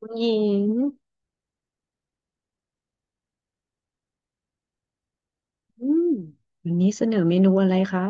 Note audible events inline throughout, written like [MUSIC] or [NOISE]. คุณหญิงอืมวันนี้เสนอเมนูอะไรคะ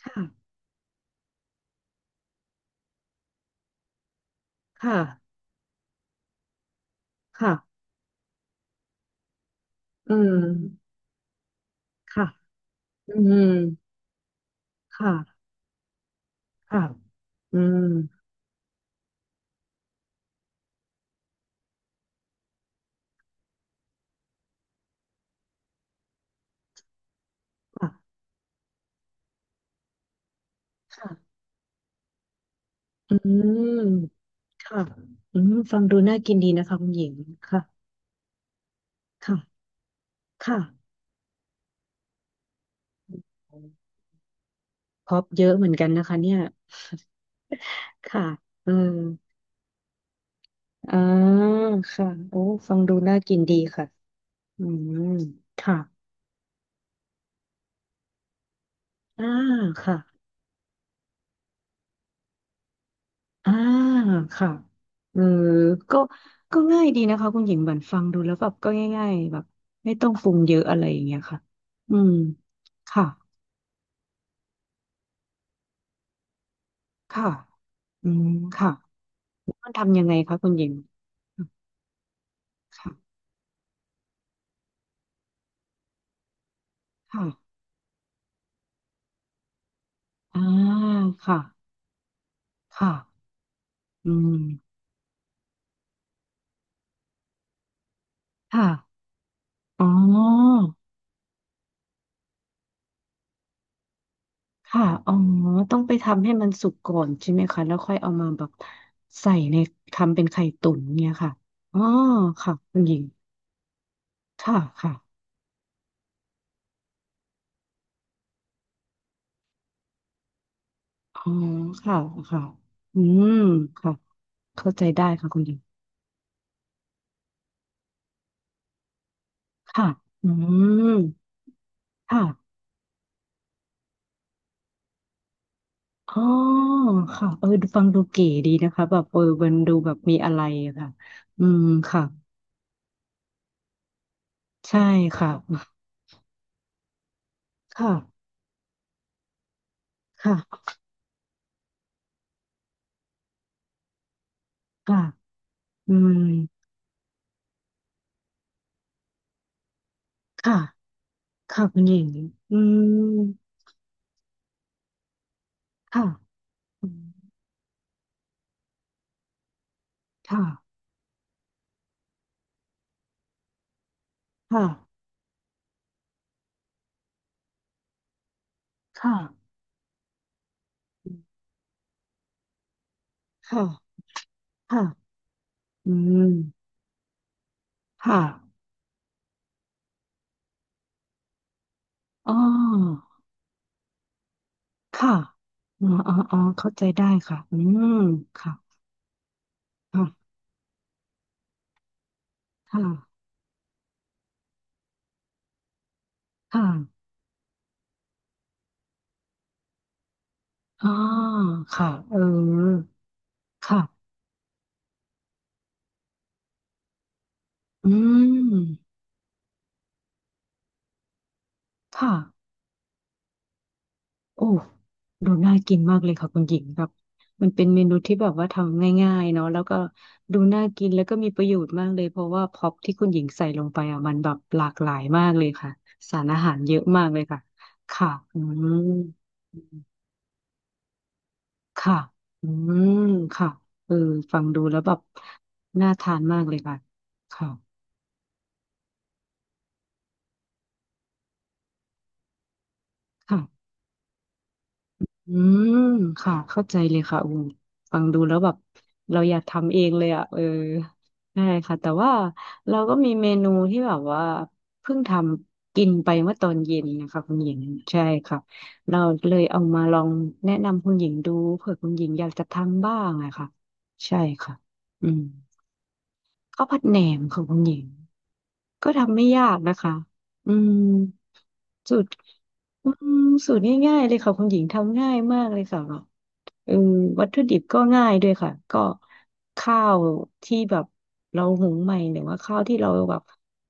ค่ะค่ะค่ะอืมค่ะอืมค่ะค่ะอืมค่ะค่ะอืมค่ะฟังดูน่ากินดีนะคะคุณหญิงค่ะค่ะค่ะพร็อพเยอะเหมือนกันนะคะเนี่ยค่ะเอออ่าค่ะโอ้ฟังดูน่ากินดีค่ะอืมค่ะอ่าค่ะ อ่าค่ะเออก็ก็ง่ายดีนะคะคุณหญิงบันฟังดูแล้วแบบก็ง่ายๆแบบไม่ต้องปรุงเยอะอะไรอย่างเงี้ยค่ะอืมค่ะค่ะอืมค่ะแล้วมันทำยังไงคะคุณหญิงค่ะค่ะอ่าค่ะค่ะอืมค่ะอ๋อค่ะอ๋อต้องไปทำให้มันสุกก่อนใช่ไหมคะแล้วค่อยเอามาแบบใส่ในทำเป็นไข่ตุ๋นเนี่ยค่ะอ๋อค่ะคุณหญิงค่ะค่ะ อ๋อค่ะค่ะอืมค่ะเข้าใจได้ค่ะคุณหญิงค่ะอืมค่ะอ๋อค่ะเออดูฟังดูเก๋ดีนะคะแบบเออมันดูแบบมีอะไรอะค่ะอืมค่ะใช่ค่ะค่ะค่ะค่ะอืมค่ะค่ะคุณหญิงอืมค่ะอืมค่ะค่ะค่ะค่ะค่ะอืมค่ะอ๋อ ค่ะอ๋ออ๋ออ๋อเข้าใจได้ค่ะมค่ะค่ะค่ะค่ะอ๋อค่ะเออค่ะอืมค่ะโอ้ดูน่ากินมากเลยค่ะคุณหญิงครับมันเป็นเมนูที่แบบว่าทำง่ายๆเนาะแล้วก็ดูน่ากินแล้วก็มีประโยชน์มากเลย เพราะว่าพ็อปที่คุณหญิงใส่ลงไปอ่ะมันแบบหลากหลายมากเลยค่ะ สารอาหารเยอะมากเลยค่ะค่ะค่ะอืมค่ะเออฟังดูแล้วแบบน่าทานมากเลยค่ะค่ะค่ะอืมค่ะเข้าใจเลยค่ะอูฟังดูแล้วแบบเราอยากทำเองเลยอ่ะเออใช่ค่ะแต่ว่าเราก็มีเมนูที่แบบว่าเพิ่งทำกินไปเมื่อตอนเย็นนะคะคุณหญิงใช่ค่ะเราเลยเอามาลองแนะนำคุณหญิงดูเผื่อคุณหญิงอยากจะทำบ้างอะค่ะใช่ค่ะอืมข้าวผัดแหนมค่ะคุณหญิง ก็ทำไม่ยากนะคะอืมสูตรอืมสูตรง่ายๆเลยค่ะคุณหญิงทำง่ายมากเลยค่ะ เออวัตถุดิบก็ง่ายด้วยค่ะก็ข้าวที่แบบเราหุงใหม่หรือว่าข้าวที่เราแบบ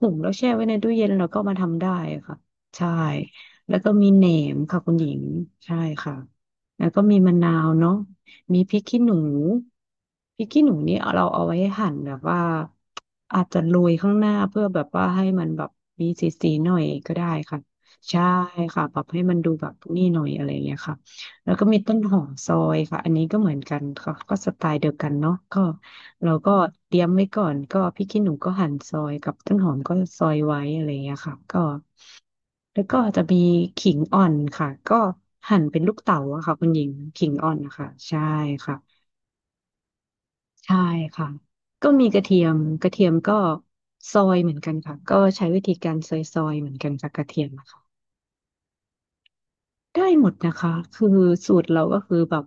หุงแล้วแช่ไว้ในตู้เย็นเราก็มาทำได้ค่ะใช่แล้วก็มีแหนมค่ะคุณหญิงใช่ค่ะแล้วก็มีมะนาวเนาะมีพริกขี้หนูพริกขี้หนูนี่เราเอาไว้หั่นแบบว่าอาจจะโรยข้างหน้าเพื่อแบบว่าให้มันแบบมีสีๆหน่อยก็ได้ค่ะใช่ค่ะปรับให้มันดูแบบนี่หน่อยอะไรอย่างเงี้ยค่ะ แล้วก็มีต้นหอมซอยค่ะ อันนี้ก็เหมือนกันค่ะก็สไตล์เดียวกันเนาะก็เราก็เตรียมไว้ก่อน ก็พริกขี้หนูก็หั่นซอยกับต้นหอมก็ซอยไว้อะไรอย่างเงี้ยค่ะก็แล้วก็จะมีขิงอ่อนค่ะก็หั่นเป็นลูกเต๋าอะค่ะคุณหญิงขิงอ่อนนะคะใช่ค่ะใช่ค่ะก็มีกระเทียม กระเทียมก็ซอยเหมือนกันค่ะก็ใช้วิธีการซอยๆเหมือนกันค่ะกระเทียมนะคะ ได้หมดนะคะคือสูตรเราก็คือแบบ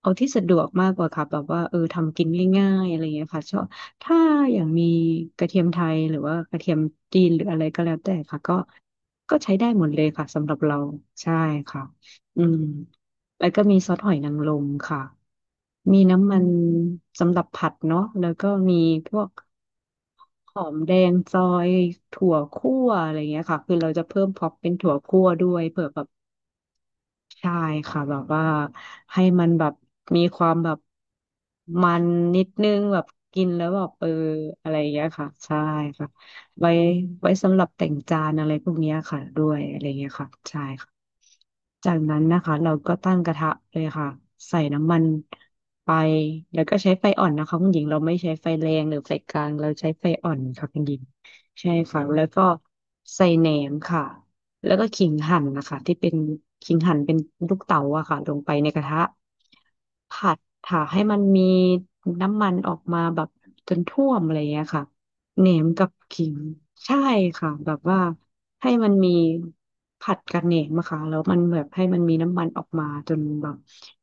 เอาที่สะดวกมากกว่าค่ะแบบว่าเออทำกินง่ายๆอะไรเงี้ยค่ะชอบถ้าอย่างมีกระเทียมไทยหรือว่ากระเทียมจีนหรืออะไรก็แล้วแต่ค่ะก็ก็ใช้ได้หมดเลยค่ะสำหรับเราใช่ค่ะอืมแล้วก็มีซอสหอยนางรมค่ะมีน้ำมันสำหรับผัดเนาะแล้วก็มีพวกหอมแดงซอยถั่วคั่วอะไรเงี้ยค่ะคือเราจะเพิ่มพ็อปเป็นถั่วคั่วด้วยเผื่อแบบ ใช่ค่ะแบบว่าให้มันแบบมีความแบบมันนิดนึงแบบกินแล้วแบบเอออะไรอย่างเงี้ยค่ะใช่ค่ะไว้ไว้สำหรับแต่งจานอะไรพวกเนี้ยค่ะด้วยอะไรอย่างเงี้ยค่ะใช่ค่ะจากนั้นนะคะเราก็ตั้งกระทะเลยค่ะใส่น้ำมันไปแล้วก็ใช้ไฟอ่อนนะคะคุณหญิงเราไม่ใช้ไฟแรงหรือไฟกลางเราใช้ไฟอ่อนค่ะคุณหญิงใช่ค่ะแล้วก็ใส่แหนมค่ะ แล้วก็ขิงหั่นนะคะที่เป็นขิงหั่นเป็นลูกเต๋าอะค่ะลงไปในกระทะผัดค่ะให้มันมีน้ำมันออกมาแบบจนท่วมอะไรอย่างเงี้ยค่ะแหนมกับขิงใช่ค่ะแบบว่าให้มันมีผัดกับแหนมอะค่ะแล้วมันแบบให้มันมีน้ำมันออกมาจนแบบ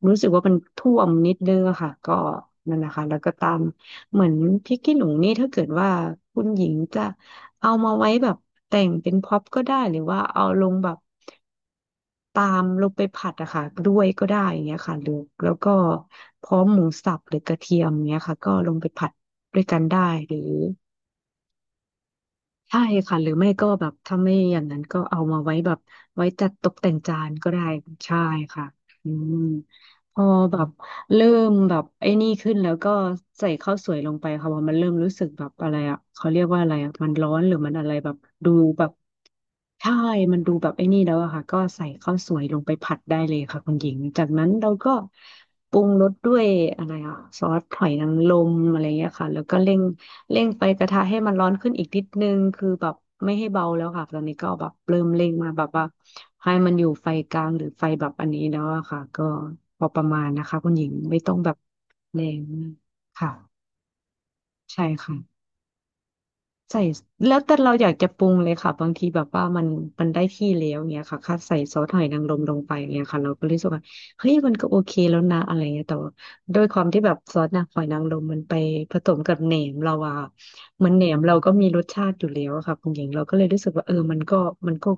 รู้สึกว่ามันท่วมนิดนึงอะค่ะก็นั่นแหละค่ะแล้วก็ตามเหมือนพริกขี้หนูนี่ถ้าเกิดว่าคุณหญิงจะ เอามาไว้แบบแต่งเป็นพ็อปก็ได้หรือว่าเอาลงแบบตามลงไปผัดอะค่ะด้วยก็ได้อย่างเงี้ยค่ะหรือแล้วก็พร้อมหมูสับหรือกระเทียมเงี้ยค่ะก็ลงไปผัดด้วยกันได้หรือ ใช่ค่ะหรือไม่ก็แบบถ้าไม่อย่างนั้นก็เอามาไว้แบบไว้จัดตกแต่งจานก็ได้ใช่ค่ะอืมพอแบบเริ่มแบบไอ้นี่ขึ้นแล้วก็ใส่ข้าวสวยลงไปค่ะพอมันเริ่มรู้สึกแบบอะไรเขาเรียกว่าอะไรมันร้อนหรือมันอะไรแบบดูแบบใช่มันดูแบบไอ้นี่แล้วอะค่ะก็ใส่ข้าวสวยลงไปผัดได้เลยค่ะคุณหญิงจากนั้นเราก็ปรุงรสด้วยอะไรซอสหอยนางรมอะไรเงี้ยค่ะแล้วก็เร่งไฟกระทะให้มันร้อนขึ้นอีกนิดนึงคือแบบไม่ให้เบาแล้วค่ะตอนนี้ก็แบบเริ่มเร่งมาแบบว่าให้มันอยู่ไฟกลางหรือไฟแบบอันนี้แล้วอะค่ะก็พอประมาณนะคะคุณหญิงไม่ต้องแบบแรงมากค่ะใช่ค่ะ ใส่แล้วแต่เราอยากจะปรุงเลยค่ะบางทีแบบว่ามันได้ที่แล้วเงี้ยค่ะค่ะใส่ซอสหอยนางรมลงไปเงี้ยค่ะเราก็รู้สึกว่าเฮ้ยมันก็โอเคแล้วนะอะไรเงี้ยแต่ว่าด้วยความที่แบบซอสนะหอยนางรมมันไปผสมกับแหนมเราอะค่ะเหมือนแหนมเราก็มีรสชาติอยู่แล้วอะค่ะคุณหญิงเราก็เลยรู้สึกว่าเออมันก็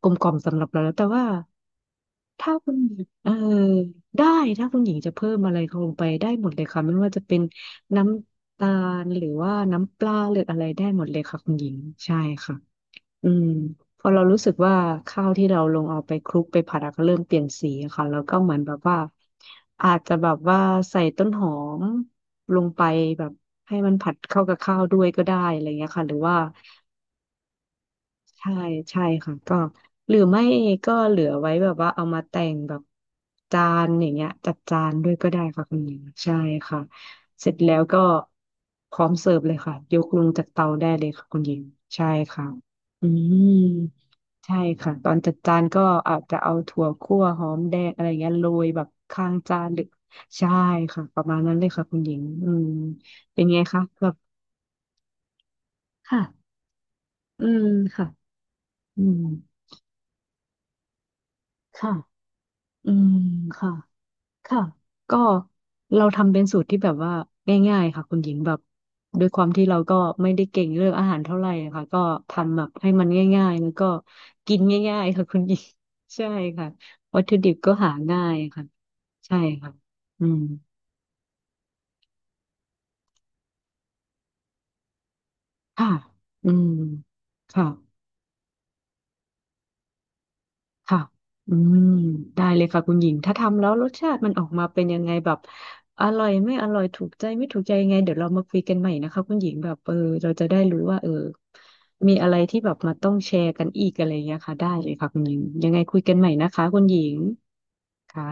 กลมกล่อมสำหรับเราแล้วแต่ว่า ถ้าคุณหญิงเออได้ถ้าคุณหญิงจะเพิ่มอะไรลงไปได้หมดเลยค่ะไม่ว่าจะเป็นน้ำตาลหรือว่าน้ำปลาหรืออะไรได้หมดเลยค่ะคุณหญิงใช่ค่ะอืมพอเรารู้สึกว่าข้าวที่เราลงเอาไปคลุกไปผัดอะก็เริ่มเปลี่ยนสีอะค่ะแล้วก็เหมือนแบบว่าอาจจะแบบว่าใส่ต้นหอมลงไปแบบให้มันผัดเข้ากับข้าวด้วยก็ได้อะไรเงี้ยค่ะหรือว่า ใช่ใช่ค่ะก็หรือไม่ก็เหลือไว้แบบว่าเอามาแต่งแบบจานอย่างเงี้ยจัดจานด้วยก็ได้ค่ะคุณหญิงใช่ค่ะเสร็จแล้วก็พร้อมเสิร์ฟเลยค่ะยกลงจากเตาได้เลยค่ะคุณหญิงใช่ค่ะอืมใช่ค่ะตอนจัดจานก็อาจจะเอาถั่วคั่วหอมแดงอะไรเงี้ยโรยแบบข้างจานหรือใช่ค่ะประมาณนั้นเลยค่ะคุณหญิงอืมเป็นไงคะแบบค่ะอืมค่ะอืมค่ะอืมค่ะ ค่ะก็เราทำเป็นสูตรที่แบบว่าง่ายๆค่ะคุณหญิงแบบด้วยความที่เราก็ไม่ได้เก่งเรื่องอาหารเท่าไหร่ค่ะก็ทำแบบให้มันง่ายๆแล้วก็กินง่ายๆค่ะคุณหญิง [LAUGHS] ใช่ค่ะวัตถุดิบก็หาง่ายค่ะใช่ค่ะอืมค่ะอืมค่ะ ค่ะอืมได้เลยค่ะคุณหญิงถ้าทำแล้วรสชาติมันออกมาเป็นยังไงแบบอร่อยไม่อร่อยถูกใจไม่ถูกใจยังไงเดี๋ยวเรามาคุยกันใหม่นะคะคุณหญิงแบบเออเราจะได้รู้ว่าเออมีอะไรที่แบบมาต้องแชร์กันอีกอะไรอย่างเงี้ยค่ะได้เลยค่ะคุณหญิงยังไงคุยกันใหม่นะคะคุณหญิงค่ะ